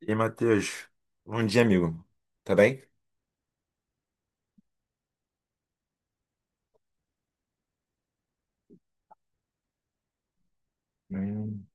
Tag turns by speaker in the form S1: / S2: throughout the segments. S1: E Matheus, bom dia, amigo. Tá bem? Hum.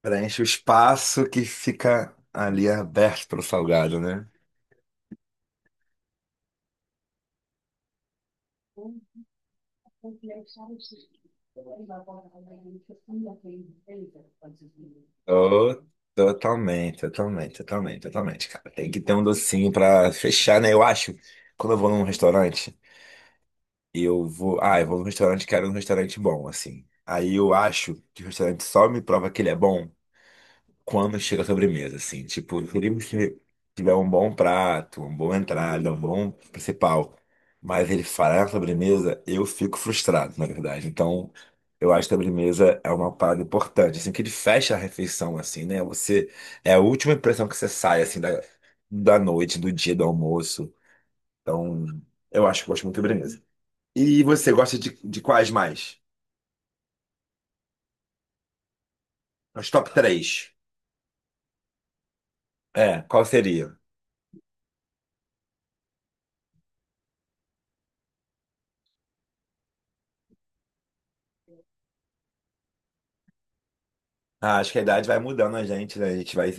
S1: Preenche o espaço que fica ali aberto pro salgado, né? Tô- Totalmente, totalmente, totalmente, totalmente, cara. Tem que ter um docinho pra fechar, né? Eu acho, quando eu vou num restaurante, eu vou. Ah, eu vou num restaurante, quero um restaurante bom, assim. Aí eu acho que o restaurante só me prova que ele é bom quando chega a sobremesa, assim. Tipo, se ele tiver um bom prato, uma boa entrada, um bom principal, mas ele falhar na sobremesa, eu fico frustrado, na verdade. Então, eu acho que a sobremesa é uma parada importante, assim, que ele fecha a refeição, assim, né? É a última impressão que você sai, assim, da noite, do dia do almoço. Então, eu acho que eu gosto muito de sobremesa. E você gosta de quais mais? Os top três. É, qual seria? Ah, acho que a idade vai mudando a gente, né? A gente vai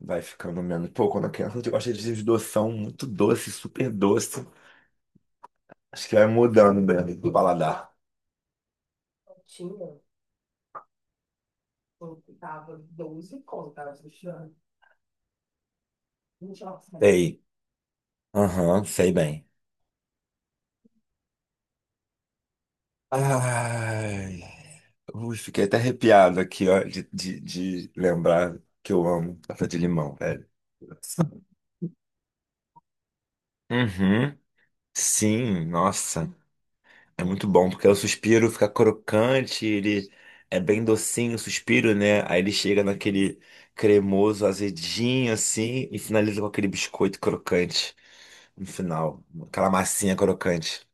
S1: Vai ficando menos. Pô, quando a criança eu gosta de doção muito doce, super doce. Acho que vai mudando mesmo do paladar. Sei. Aham, sei bem. Ai. Ui, fiquei até arrepiado aqui, ó, de lembrar que eu amo torta de limão, velho. Uhum. Sim, nossa. É muito bom, porque o suspiro fica crocante, ele é bem docinho, o suspiro, né? Aí ele chega naquele cremoso, azedinho, assim, e finaliza com aquele biscoito crocante no final. Aquela massinha crocante.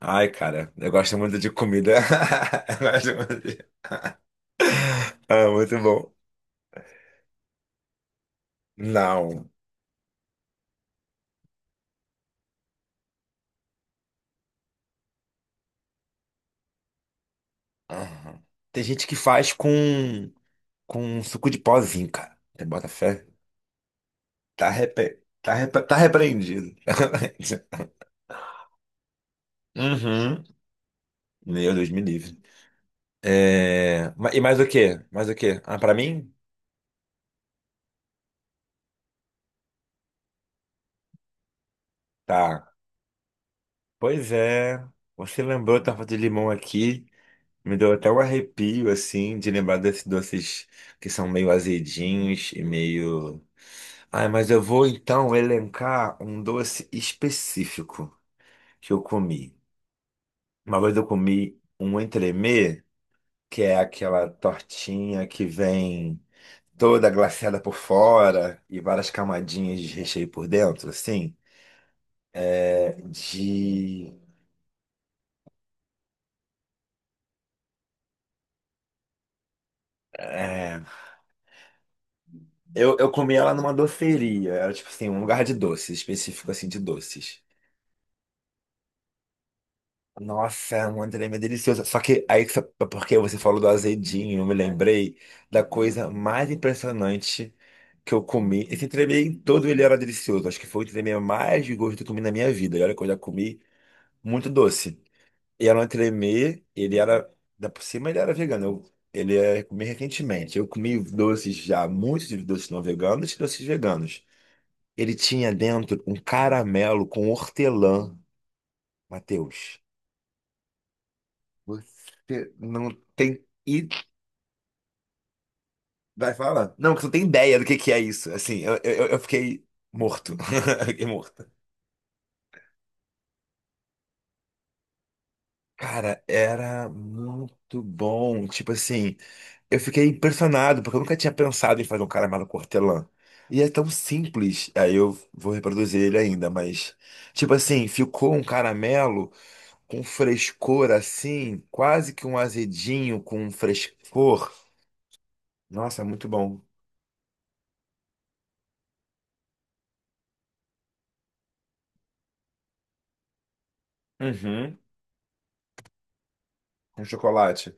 S1: Ai, cara, eu gosto muito de comida. Eu gosto muito de. Ah, muito bom. Não. Aham. Tem gente que faz com suco de pozinho, cara. Você bota fé? Tá repreendido. Uhum. Meu Deus, me livre. É, e mais o quê? Mais o quê? Ah, pra mim? Tá. Pois é. Você lembrou, eu tava de limão aqui. Me deu até um arrepio, assim, de lembrar desses doces que são meio azedinhos e meio. Ah, mas eu vou então elencar um doce específico que eu comi. Uma vez eu comi um entremê, que é aquela tortinha que vem toda glaciada por fora e várias camadinhas de recheio por dentro, assim. De. É, eu comi ela numa doceria. Era tipo assim, um lugar de doces, específico assim de doces. Nossa, é uma tremenda deliciosa. Só que aí, é porque você falou do azedinho, eu me lembrei da coisa mais impressionante que eu comi. Esse entremeio em todo ele era delicioso. Acho que foi o entremeio mais de gosto que eu comi na minha vida. E olha que eu já comi muito doce. E era um entremê, ele era. Da por cima ele era vegano. Ele é, comi recentemente. Eu comi doces já, muitos de doces não veganos e doces veganos. Ele tinha dentro um caramelo com hortelã, Matheus. Você não tem. E vai falar? Não, você não tem ideia do que é isso. Assim, eu fiquei morto. Eu fiquei morto. Cara, era muito bom. Tipo assim. Eu fiquei impressionado, porque eu nunca tinha pensado em fazer um caramelo com hortelã. E é tão simples. Aí eu vou reproduzir ele ainda, mas. Tipo assim, ficou um caramelo com frescor assim, quase que um azedinho com um frescor. Nossa, é muito bom. Uhum. Com chocolate.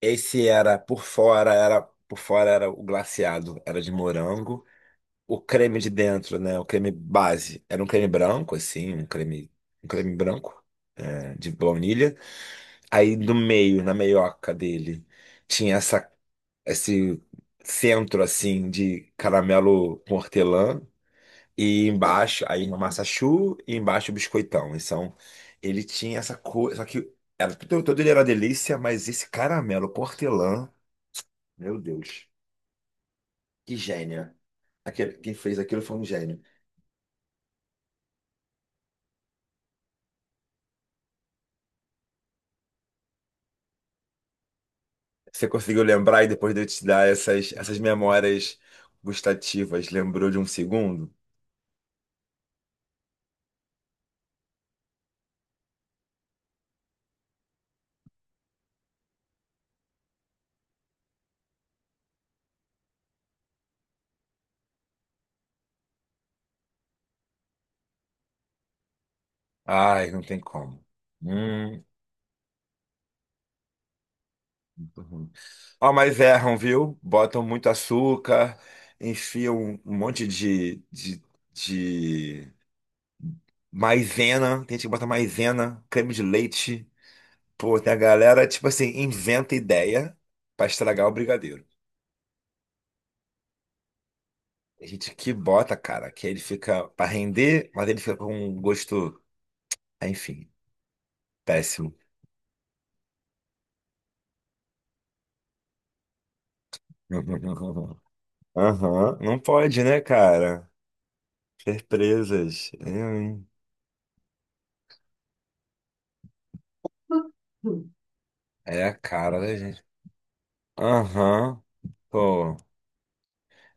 S1: Esse era por fora era o glaciado, era de morango. O creme de dentro, né? O creme base. Era um creme branco, assim, um creme branco, é, de baunilha. Aí no meio, na meioca dele, tinha esse centro assim de caramelo com hortelã e embaixo, aí uma massa choux e embaixo o biscoitão. Então, ele tinha essa coisa, só que era, tudo tudo ele era delícia, mas esse caramelo com hortelã, meu Deus, que gênio. Aquele, quem fez aquilo foi um gênio. Você conseguiu lembrar e depois de eu te dar essas memórias gustativas, lembrou de um segundo? Ai, não tem como. Hum. Muito ruim. Ó, mas erram, viu? Botam muito açúcar, enfiam um monte de maisena. Tem gente que bota maisena, creme de leite. Pô, tem a galera, tipo assim, inventa ideia pra estragar o brigadeiro. Tem gente que bota, cara, que ele fica pra render, mas ele fica com um gosto, enfim, péssimo. Aham, não pode, né, cara? Surpresas. É, hein? É a cara da gente. Aham. Pô,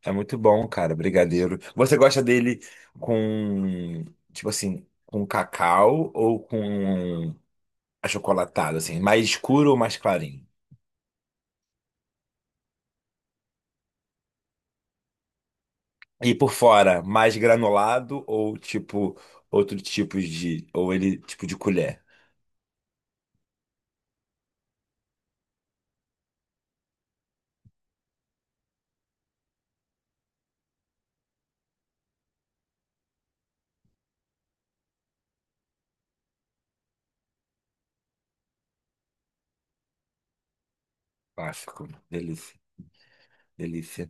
S1: é muito bom, cara, brigadeiro. Você gosta dele com, tipo assim, com cacau ou com achocolatado, assim, mais escuro ou mais clarinho? E por fora, mais granulado ou tipo outro tipo de, ou ele tipo de colher? Clássico, delícia, delícia.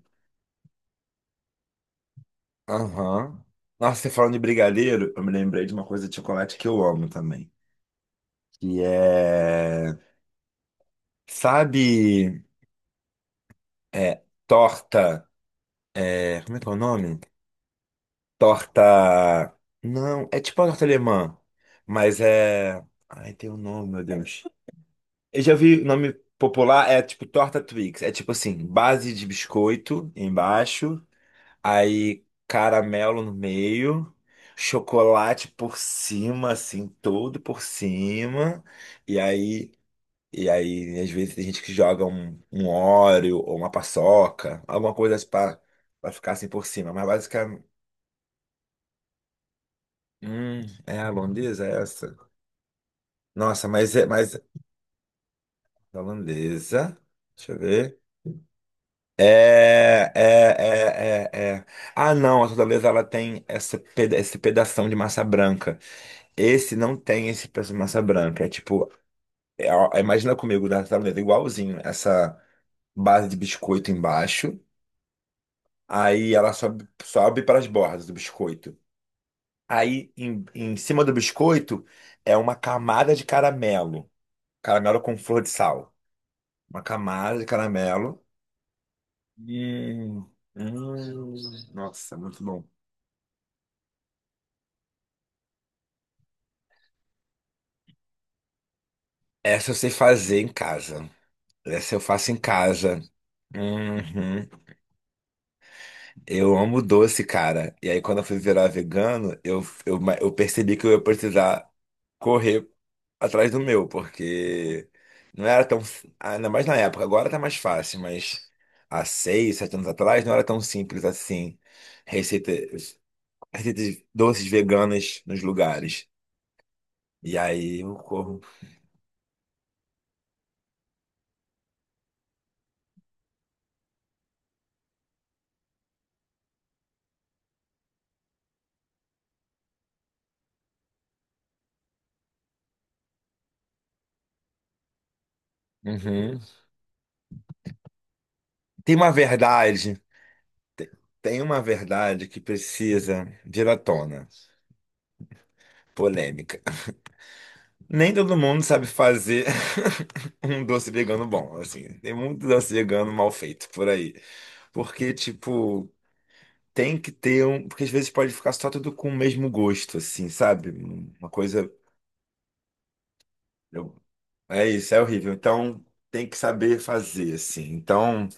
S1: Aham. Nossa, você falando de brigadeiro, eu me lembrei de uma coisa de chocolate que eu amo também, que é, sabe, é torta. É, como é que é o nome? Torta. Não, é tipo uma torta alemã, mas é. Ai, tem um nome, meu Deus. Eu já vi o nome popular, é tipo torta Twix. É tipo assim, base de biscoito embaixo, aí caramelo no meio, chocolate por cima, assim, todo por cima, e aí. E aí, às vezes, tem gente que joga um Oreo ou uma paçoca, alguma coisa assim pra ficar assim por cima. Mas basicamente. Hum, é a holandesa é essa? Nossa, mas é, mas a holandesa, deixa eu ver. É, é, é, é, é. Ah, não, a holandesa ela tem essa peda esse pedação de massa branca. Esse não tem esse pedaço de massa branca. É tipo, é, ó, imagina comigo da holandesa igualzinho, essa base de biscoito embaixo, aí ela sobe, sobe para as bordas do biscoito. Aí em cima do biscoito é uma camada de caramelo, caramelo com flor de sal. Uma camada de caramelo. Hum, hum. Nossa, muito bom. Essa eu sei fazer em casa. Essa eu faço em casa. Uhum. Eu amo doce, cara. E aí, quando eu fui virar vegano, eu percebi que eu ia precisar correr atrás do meu, porque não era tão. Ainda mais na época, agora tá mais fácil, mas há 6, 7 anos atrás não era tão simples assim. Receita, Receitas doces veganas nos lugares. E aí eu corro. Uhum. Tem uma verdade, tem uma verdade que precisa vir à tona. Polêmica. Nem todo mundo sabe fazer um doce vegano bom, assim. Tem muito doce vegano mal feito por aí. Porque, tipo, tem que ter um. Porque às vezes pode ficar só tudo com o mesmo gosto, assim, sabe? Uma coisa. eu- É isso, é horrível. Então, tem que saber fazer, assim. Então.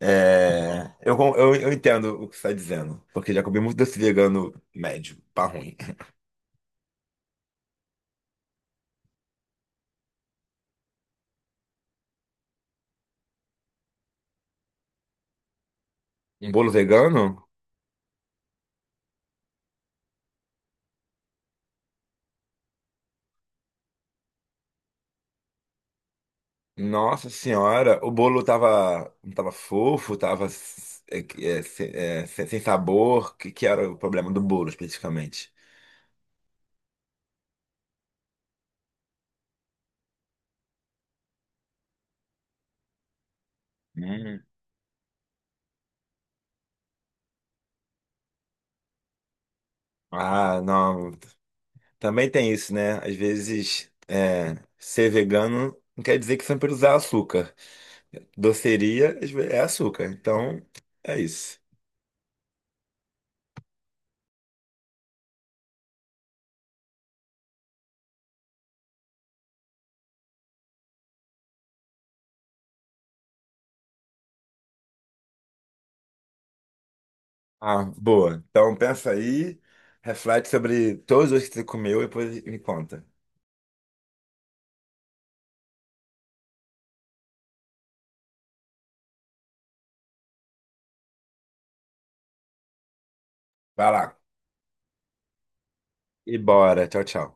S1: É, eu entendo o que você está dizendo, porque já comi muito desse vegano médio, pá ruim. Um bolo vegano? Nossa senhora, o bolo tava fofo, tava sem sabor. O que era o problema do bolo especificamente? Hum. Ah, não. Também tem isso, né? Às vezes, é, ser vegano não quer dizer que sempre usar açúcar. Doceria é açúcar, então é isso. Ah, boa. Então pensa aí, reflete sobre todos os que você comeu e depois me conta. Vai lá. E bora. Tchau, tchau.